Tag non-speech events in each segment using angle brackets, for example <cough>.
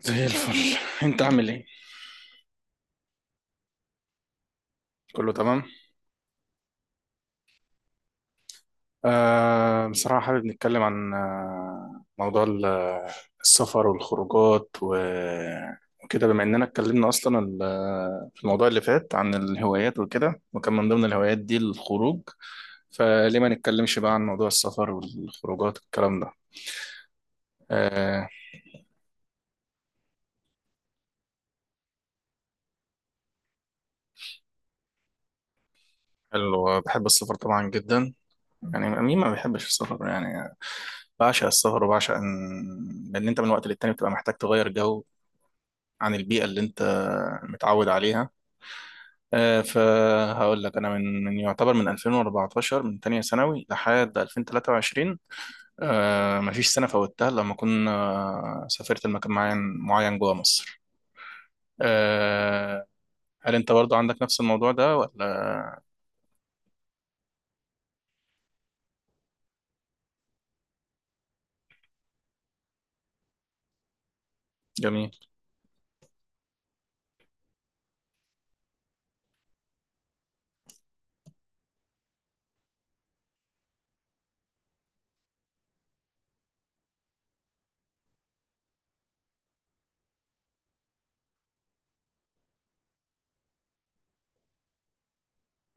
زي الفل. <laughs> انت عامل ايه؟ كله تمام. بصراحة حابب نتكلم عن موضوع السفر والخروجات وكده، بما اننا اتكلمنا اصلا في الموضوع اللي فات عن الهوايات وكده، وكان من ضمن الهوايات دي الخروج، فليه ما نتكلمش بقى عن موضوع السفر والخروجات والكلام ده. آه حلو، بحب السفر طبعا جدا، يعني مين ما بيحبش السفر يعني. بعشق السفر وبعشق لان انت من وقت للتاني بتبقى محتاج تغير جو عن البيئة اللي أنت متعود عليها. فهقول لك أنا من يعتبر من 2014 من تانية ثانوي لحد 2023. مفيش سنة فوتها لما كنا سافرت لمكان معين معين جوه مصر. آه، هل أنت برضه عندك نفس الموضوع ده ولا؟ جميل؟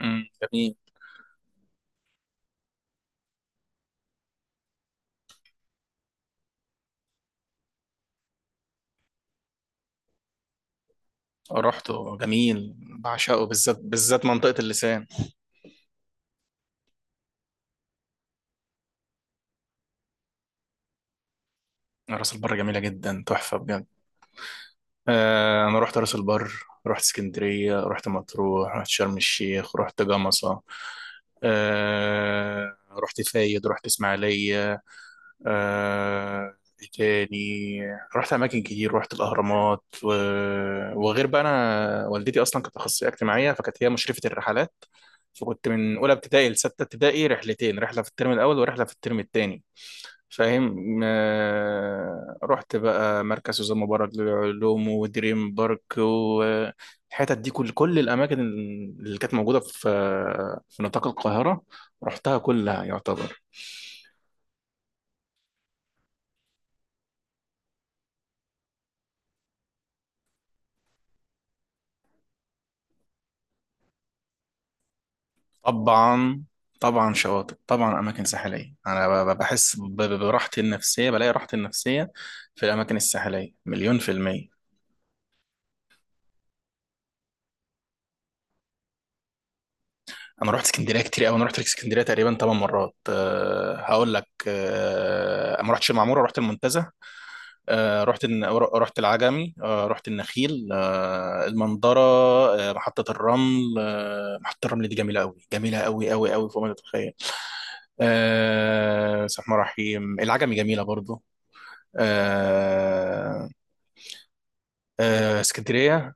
مم، جميل. رحته، جميل، بعشقه بالذات بالذات منطقة اللسان. راس البر جميلة جدا، تحفة بجد. انا رحت راس البر، رحت اسكندريه، رحت مطروح، رحت شرم الشيخ، رحت جمصه، رحت فايد، رحت اسماعيليه. آه، إيه تاني؟ رحت اماكن كتير، رحت الاهرامات وغير بقى، انا والدتي اصلا كانت اخصائيه اجتماعيه فكانت هي مشرفه الرحلات، فكنت من اولى ابتدائي لسته ابتدائي رحلتين، رحله في الترم الاول ورحله في الترم الثاني، فاهم. رحت بقى مركز وزير مبارك للعلوم ودريم بارك والحتت دي، كل الاماكن اللي كانت موجوده في نطاق القاهره، رحتها كلها يعتبر. طبعا، طبعا شواطئ، طبعا اماكن ساحليه، انا بحس براحتي النفسيه، بلاقي راحتي النفسيه في الاماكن الساحليه مليون في الميه. انا رحت اسكندريه كتير قوي، انا رحت اسكندريه تقريبا 8 مرات. هقول لك، ما رحتش المعموره، رحت المنتزه. آه، رحت الن- رحت العجمي، رحت النخيل، المنظرة، محطة الرمل. محطة الرمل دي جميلة قوي، جميلة قوي قوي قوي فوق ما تتخيل. بسم الله الرحمن الرحيم، العجمي جميلة برضو. آه، اسكندرية.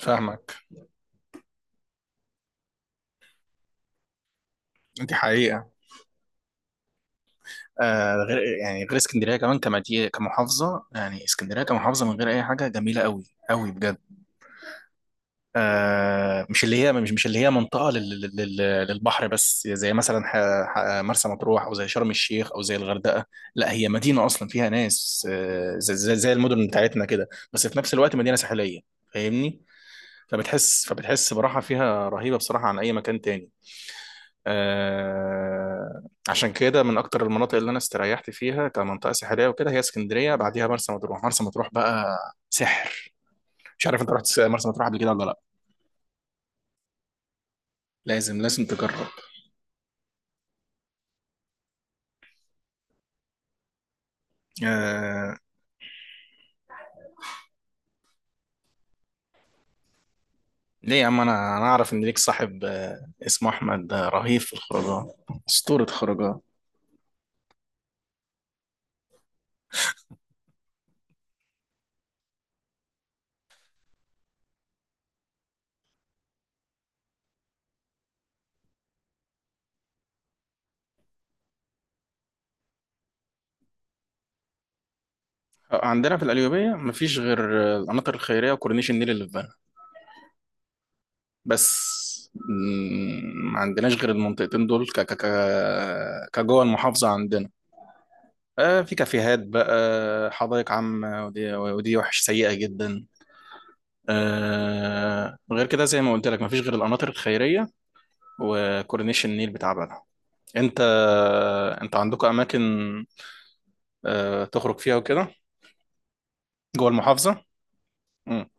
فاهمك. دي حقيقة. غير يعني غير اسكندرية كمان كمدينة كمحافظة، يعني اسكندرية كمحافظة من غير أي حاجة جميلة قوي قوي بجد. مش اللي هي مش اللي هي منطقه للبحر بس، زي مثلا مرسى مطروح او زي شرم الشيخ او زي الغردقه، لا هي مدينه اصلا فيها ناس، زي المدن بتاعتنا كده، بس في نفس الوقت مدينه ساحليه، فاهمني. فبتحس براحه فيها رهيبه بصراحه عن اي مكان تاني. آه، عشان كده من اكتر المناطق اللي انا استريحت فيها كمنطقه ساحليه وكده هي اسكندريه، بعديها مرسى مطروح. مرسى مطروح بقى سحر. مش عارف انت رحت مرسى مطروح قبل كده ولا لا؟ لازم تجرب. آه ليه يا عم؟ انا اعرف ان ليك صاحب اسمه احمد، رهيب في الخروجات، اسطوره خروجات. عندنا في القليوبيه مفيش غير القناطر الخيريه وكورنيش النيل اللي في بنها بس. ما عندناش غير المنطقتين دول ك ك ك كجوه المحافظه عندنا. في كافيهات بقى، حدائق عامه ودي وحش، سيئه جدا. غير كده زي ما قلت لك، مفيش غير القناطر الخيريه وكورنيش النيل بتاع بنها. انت انت عندكم اماكن تخرج فيها وكده جوه المحافظه؟ امم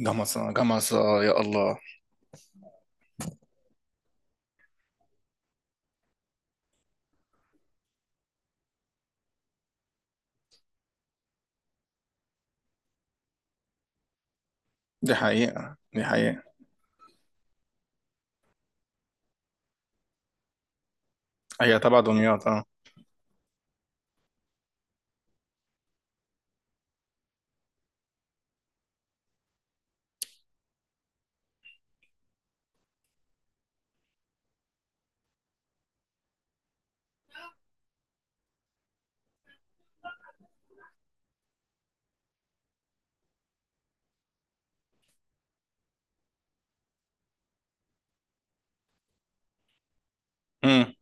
جمصه جمصه، يا الله. دي حقيقه، دي حقيقه. هي تبع دمياط، اه. امم.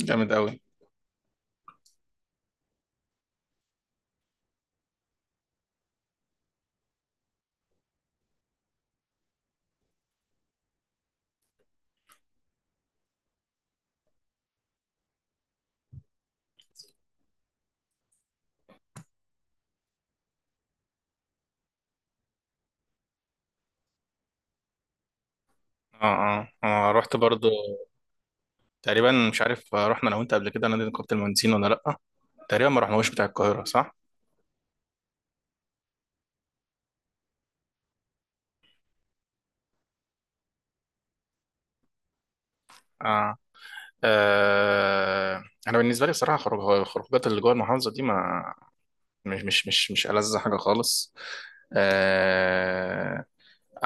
جامد قوي. اه، اه، اه، رحت برضو، تقريبا مش عارف، رحنا انا وانت قبل كده نادي نقابه المهندسين ولا لا؟ تقريبا ما رحناهوش بتاع القاهره، صح؟ اه. انا بالنسبه لي بصراحه، خروج الخروجات اللي جوه المحافظه دي ما مش مش مش مش ألذ حاجه خالص. آه،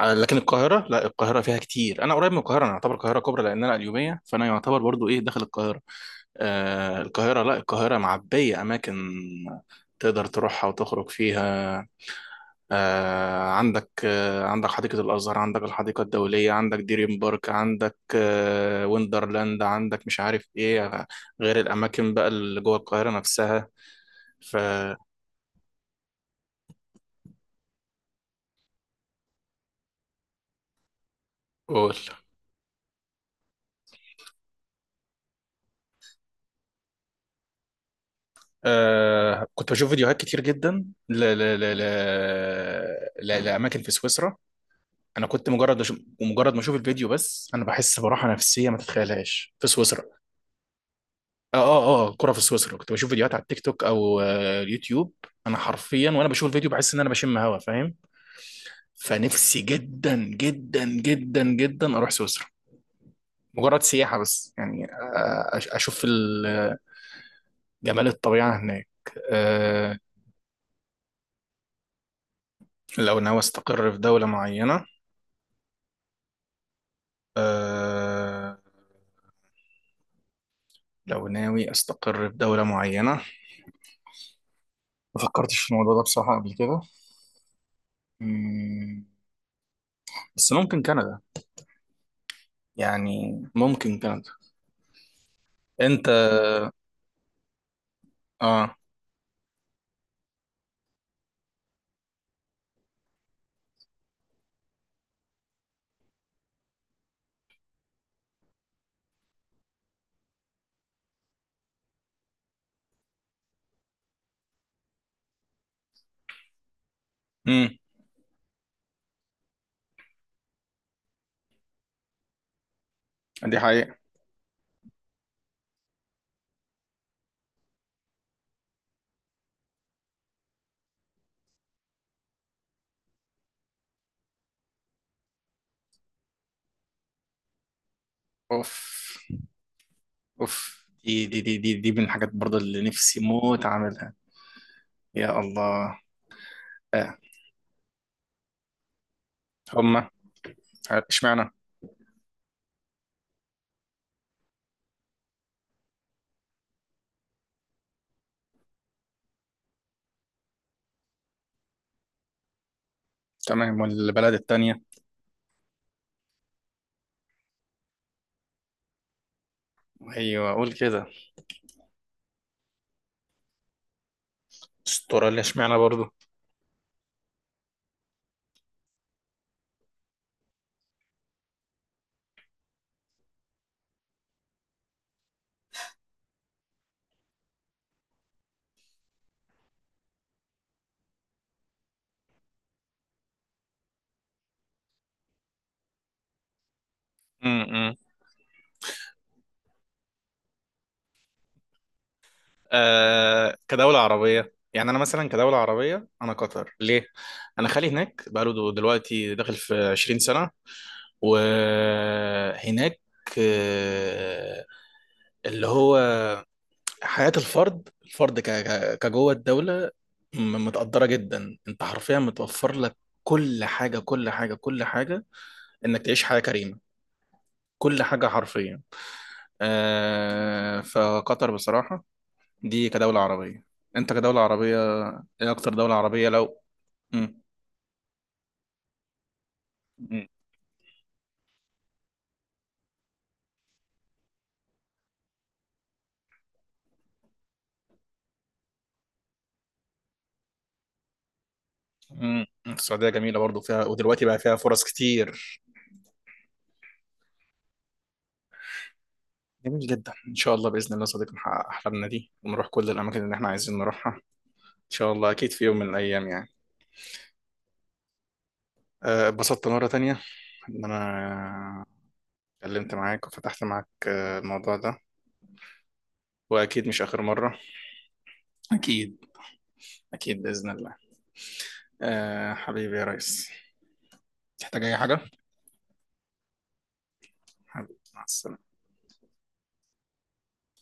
لكن القاهرة، لا القاهرة فيها كتير. أنا قريب من القاهرة، أنا أعتبر القاهرة كبرى لأن أنا اليومية فأنا يعتبر برضو إيه داخل القاهرة. القاهرة، لا القاهرة معبية أماكن تقدر تروحها وتخرج فيها. عندك حديقة الأزهر، عندك الحديقة الدولية، عندك دريم بارك، عندك ويندرلاند، عندك مش عارف إيه، غير الأماكن بقى اللي جوه القاهرة نفسها. ف قول. كنت بشوف فيديوهات كتير جدا ل ل ل ل ل لأماكن في سويسرا. أنا كنت مجرد أشوف، ومجرد ما أشوف الفيديو، بس أنا بحس براحة نفسية ما تتخيلهاش في سويسرا. كرة في سويسرا، كنت بشوف فيديوهات على التيك توك أو اليوتيوب. أنا حرفيا وأنا بشوف الفيديو بحس إن أنا بشم هوا، فاهم. فنفسي جدا جدا جدا جدا أروح سويسرا، مجرد سياحة بس يعني، أشوف جمال الطبيعة هناك. آه لو ناوي أستقر في دولة معينة، أه، لو ناوي استقر في دولة معينة، ما فكرتش في الموضوع ده بصراحة قبل كده. مم، بس ممكن كندا، يعني ممكن كندا. انت؟ اه. امم. دي حقيقة. اوف، اوف، دي من الحاجات برضه اللي نفسي موت اعملها، يا الله. آه. هما. اشمعنى؟ تمام. والبلد التانية؟ ايوه، اقول كده. استراليا، اشمعنى برضه؟ امم. كدولة عربية، يعني أنا مثلا كدولة عربية أنا قطر ليه؟ أنا خالي هناك بقاله دلوقتي داخل في 20 سنة وهناك، آه، اللي هو حياة الفرد، الفرد كجوه الدولة، متقدرة جدا، أنت حرفيا متوفر لك كل حاجة، كل حاجة، كل حاجة، إنك تعيش حياة كريمة، كل حاجة حرفيا. فقطر بصراحة دي كدولة عربية. انت كدولة عربية، ايه اكتر دولة عربية لو...؟ مم. مم. مم. السعودية جميلة برضو فيها، ودلوقتي بقى فيها فرص كتير. جميل جدا، ان شاء الله بإذن الله صديقي نحقق احلامنا دي ونروح كل الاماكن اللي احنا عايزين نروحها. ان شاء الله، اكيد في يوم من الايام يعني. اتبسطت مرة تانية ان انا اتكلمت معاك وفتحت معاك الموضوع ده، واكيد مش اخر مرة. اكيد، اكيد بإذن الله. حبيبي يا ريس، تحتاج اي حاجة. حبيبي مع السلامة.